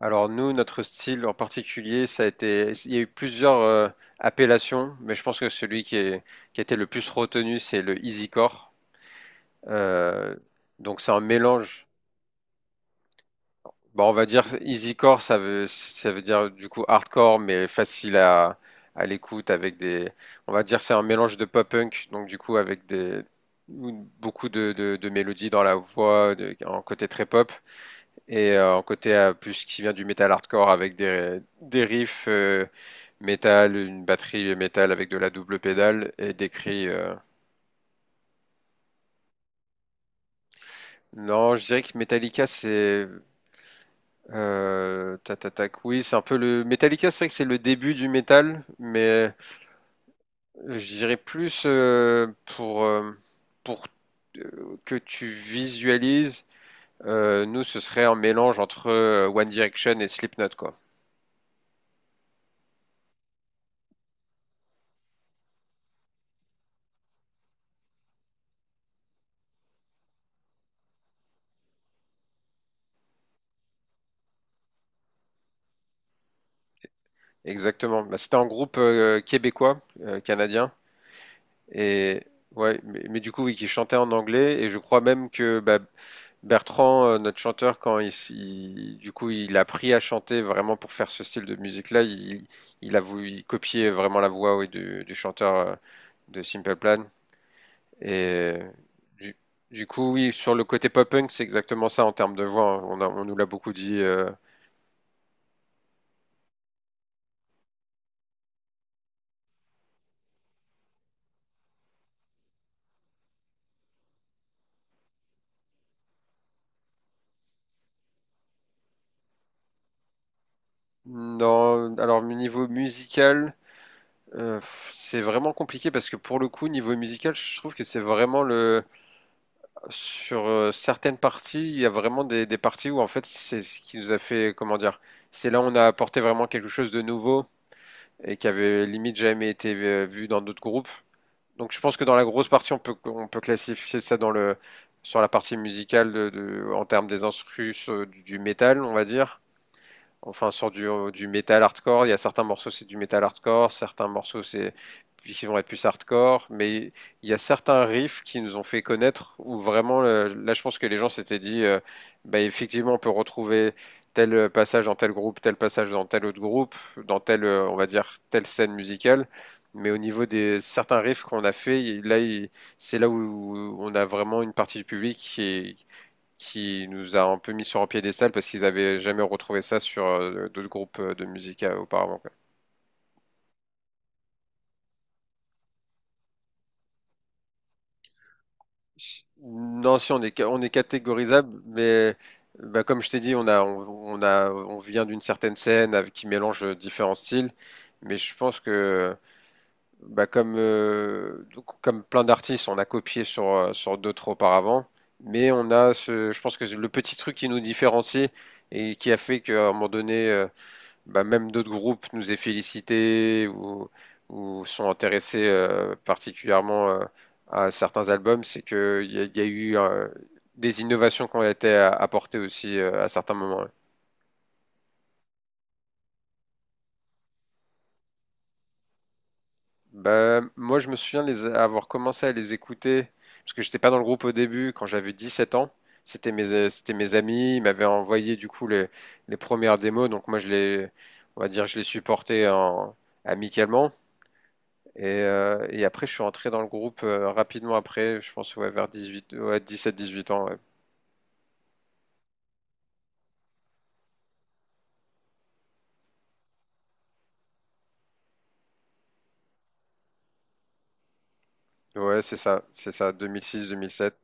Alors nous, notre style en particulier, il y a eu plusieurs appellations, mais je pense que qui a été le plus retenu, c'est le easycore. Euh, donc c'est un mélange. Bon, on va dire easycore, ça veut dire du coup hardcore, mais à l'écoute avec on va dire c'est un mélange de pop punk, donc du coup avec des beaucoup de mélodies dans la voix, un côté très pop. Et en côté plus qui vient du metal hardcore avec des riffs métal, une batterie métal avec de la double pédale et des cris. Non, je dirais que Metallica c'est tac, tac, tac, oui c'est un peu le Metallica, c'est vrai que c'est le début du métal, mais je dirais plus pour euh, pour que tu visualises. Nous ce serait un mélange entre One Direction et Slipknot quoi. Exactement. Bah, c'était un groupe québécois, canadien, et ouais, mais du coup, oui, qui chantait en anglais, et je crois même que bah, Bertrand, notre chanteur, quand il, s- il- du coup, il a appris à chanter vraiment pour faire ce style de musique-là, il a voulu copier vraiment la voix, oui, du chanteur de Simple Plan. Et du, du coup, oui, sur le côté pop-punk, c'est exactement ça en termes de voix, hein. On nous l'a beaucoup dit. Non, alors niveau musical. C'est vraiment compliqué parce que pour le coup, niveau musical, je trouve que c'est vraiment le. Sur certaines parties, il y a vraiment des parties où en fait, c'est ce qui nous a fait. Comment dire? C'est là où on a apporté vraiment quelque chose de nouveau et qui avait limite jamais été vu dans d'autres groupes. Donc je pense que dans la grosse partie, on peut classifier ça dans le, sur la partie musicale en termes des instrus du métal, on va dire. Enfin, sur du metal hardcore, il y a certains morceaux, c'est du metal hardcore, certains morceaux, c'est qui vont être plus hardcore, mais il y a certains riffs qui nous ont fait connaître où vraiment, là, je pense que les gens s'étaient dit, bah, effectivement, on peut retrouver tel passage dans tel groupe, tel passage dans tel autre groupe, dans tel, on va dire, telle scène musicale. Mais au niveau des certains riffs qu'on a fait, c'est là où on a vraiment une partie du public qui nous a un peu mis sur un piédestal parce qu'ils avaient jamais retrouvé ça sur d'autres groupes de musique auparavant, quoi. Non, si on est on est catégorisable, mais bah, comme je t'ai dit, on vient d'une certaine scène avec, qui mélange différents styles, mais je pense que bah, comme comme plein d'artistes, on a copié sur sur d'autres auparavant, mais on a ce je pense que le petit truc qui nous différencie et qui a fait qu'à un moment donné bah, même d'autres groupes nous aient félicités ou sont intéressés particulièrement à certains albums, c'est que il y a eu des innovations qui ont été apportées aussi à certains moments. Bah, moi, je me souviens de les avoir commencé à les écouter, parce que j'étais pas dans le groupe au début, quand j'avais 17 ans. C'était mes amis, ils m'avaient envoyé du coup les premières démos, donc on va dire, je les supportais amicalement. Et et après, je suis rentré dans le groupe rapidement après, je pense ouais, vers 18, ouais, 17-18 ans. Ouais, ouais c'est ça, 2006-2007.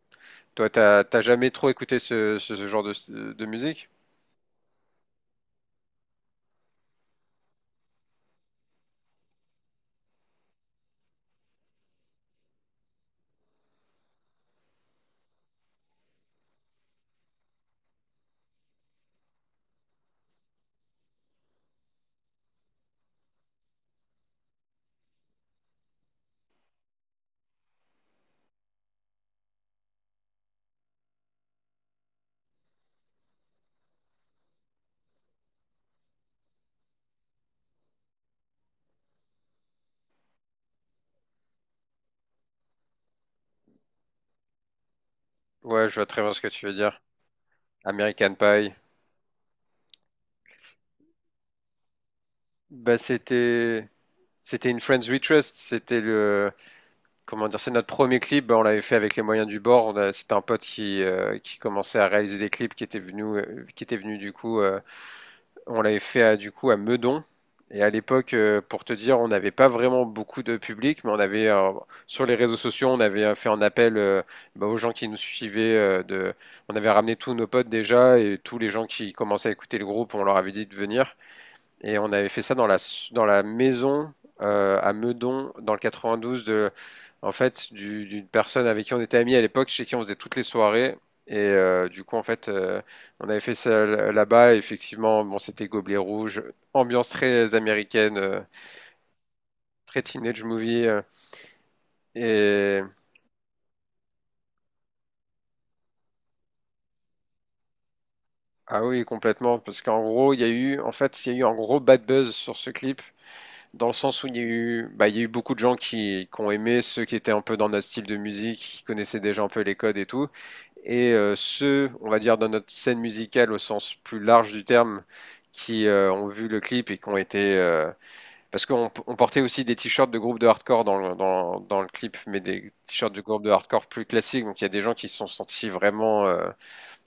Toi, t'as jamais trop écouté ce genre de musique? Ouais, je vois très bien ce que tu veux dire. American Pie. Bah, c'était c'était une Friends We Trust. C'était le comment dire, c'est notre premier clip. Bah, on l'avait fait avec les moyens du bord. C'était un pote qui commençait à réaliser des clips qui était venu du coup. On l'avait fait du coup à Meudon. Et à l'époque, pour te dire, on n'avait pas vraiment beaucoup de public, mais on avait sur les réseaux sociaux, on avait fait un appel bah, aux gens qui nous suivaient. De... On avait ramené tous nos potes déjà et tous les gens qui commençaient à écouter le groupe, on leur avait dit de venir. Et on avait fait ça dans la maison à Meudon, dans le 92, en fait, d'une personne avec qui on était amis à l'époque, chez qui on faisait toutes les soirées. Et on avait fait ça là-bas. Et effectivement, bon, c'était gobelet rouge, ambiance très américaine, très teenage movie. Et ah oui, complètement, parce qu'en gros, il y a eu un gros bad buzz sur ce clip dans le sens où il y a eu, bah, il y a eu beaucoup de gens qui ont aimé ceux qui étaient un peu dans notre style de musique, qui connaissaient déjà un peu les codes et tout, et ceux, on va dire, dans notre scène musicale au sens plus large du terme, qui ont vu le clip et qui ont été, parce qu'on portait aussi des t-shirts de groupes de hardcore dans dans le clip, mais des t-shirts de groupes de hardcore plus classiques, donc il y a des gens qui se sont sentis vraiment euh,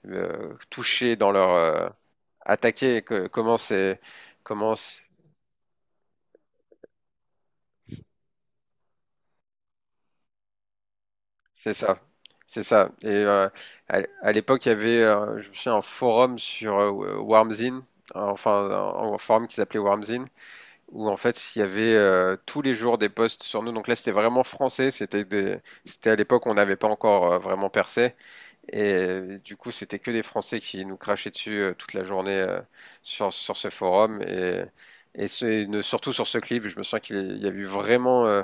euh, touchés dans leur attaqués, comment c'est- C'est ça, c'est ça. Et à l'époque, il y avait, je me souviens, un forum sur Wormzine, enfin un forum qui s'appelait Wormzine, où en fait il y avait tous les jours des posts sur nous. Donc là, c'était vraiment français. C'était c'était à l'époque où on n'avait pas encore vraiment percé. Et du coup, c'était que des Français qui nous crachaient dessus toute la journée sur ce forum. Et, surtout sur ce clip, je me sens qu'il y a eu vraiment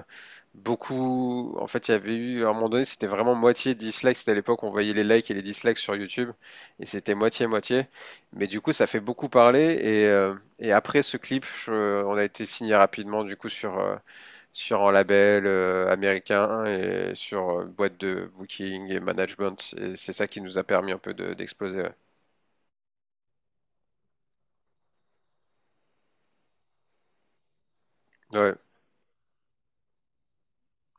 beaucoup. En fait, il y avait eu, à un moment donné, c'était vraiment moitié dislikes. C'était à l'époque, on voyait les likes et les dislikes sur YouTube. Et c'était moitié-moitié. Mais du coup, ça fait beaucoup parler. Et et après ce clip, on a été signé rapidement, du coup, sur un label américain et sur boîte de booking et management. Et c'est ça qui nous a permis un peu d'exploser. Ouais. Ouais.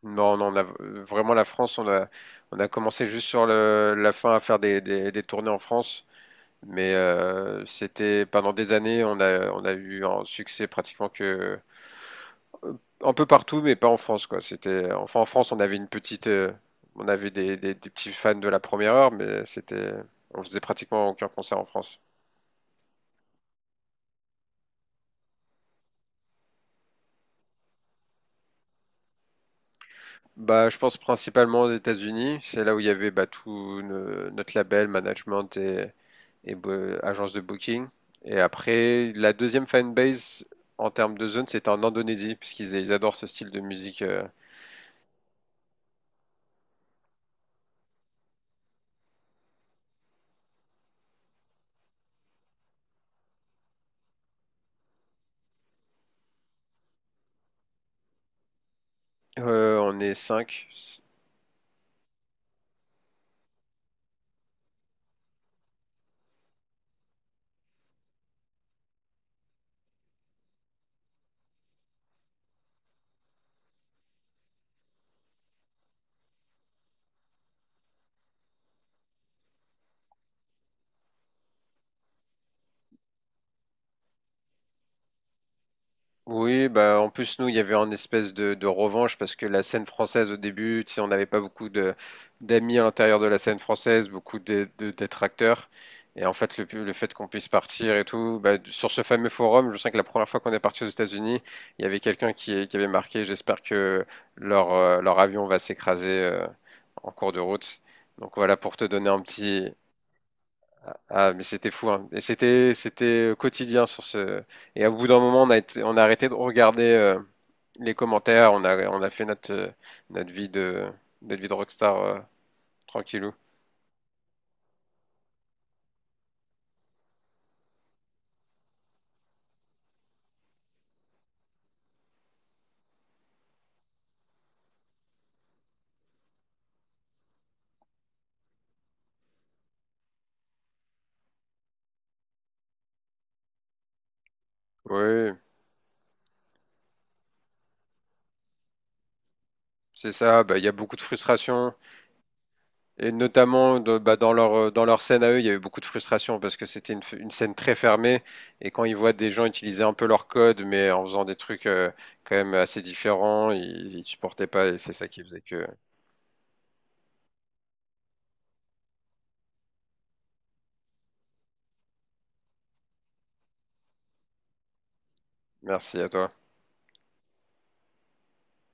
Non, non, on a vraiment la France, on a commencé juste sur la fin à faire des tournées en France. Mais c'était pendant des années, on a eu un succès pratiquement que euh, un peu partout, mais pas en France, quoi. Enfin, en France, on avait une petite, on avait des petits fans de la première heure, mais c'était, on faisait pratiquement aucun concert en France. Bah, je pense principalement aux États-Unis. C'est là où il y avait bah, tout notre label, management et agence de booking. Et après, la deuxième fanbase en termes de zone, c'était en Indonésie, parce qu'ils adorent ce style de musique. On est cinq. Oui, bah en plus nous il y avait une espèce de revanche parce que la scène française au début, tu sais, on n'avait pas beaucoup de d'amis à l'intérieur de la scène française, beaucoup de détracteurs. Et en fait le fait qu'on puisse partir et tout, bah, sur ce fameux forum, je sais que la première fois qu'on est parti aux États-Unis, il y avait quelqu'un qui avait marqué, j'espère que leur avion va s'écraser en cours de route. Donc voilà pour te donner un petit ah, mais c'était fou, hein. Et c'était quotidien sur ce. Et au bout d'un moment, on a arrêté de regarder les commentaires. On a fait notre vie notre vie de rockstar tranquillou. Oui, c'est ça. Bah, il y a beaucoup de frustration. Et notamment, bah, dans leur scène à eux, il y avait beaucoup de frustration parce que c'était une, une scène très fermée. Et quand ils voient des gens utiliser un peu leur code, mais en faisant des trucs quand même assez différents, ils supportaient pas. Et c'est ça qui faisait que. Merci à toi.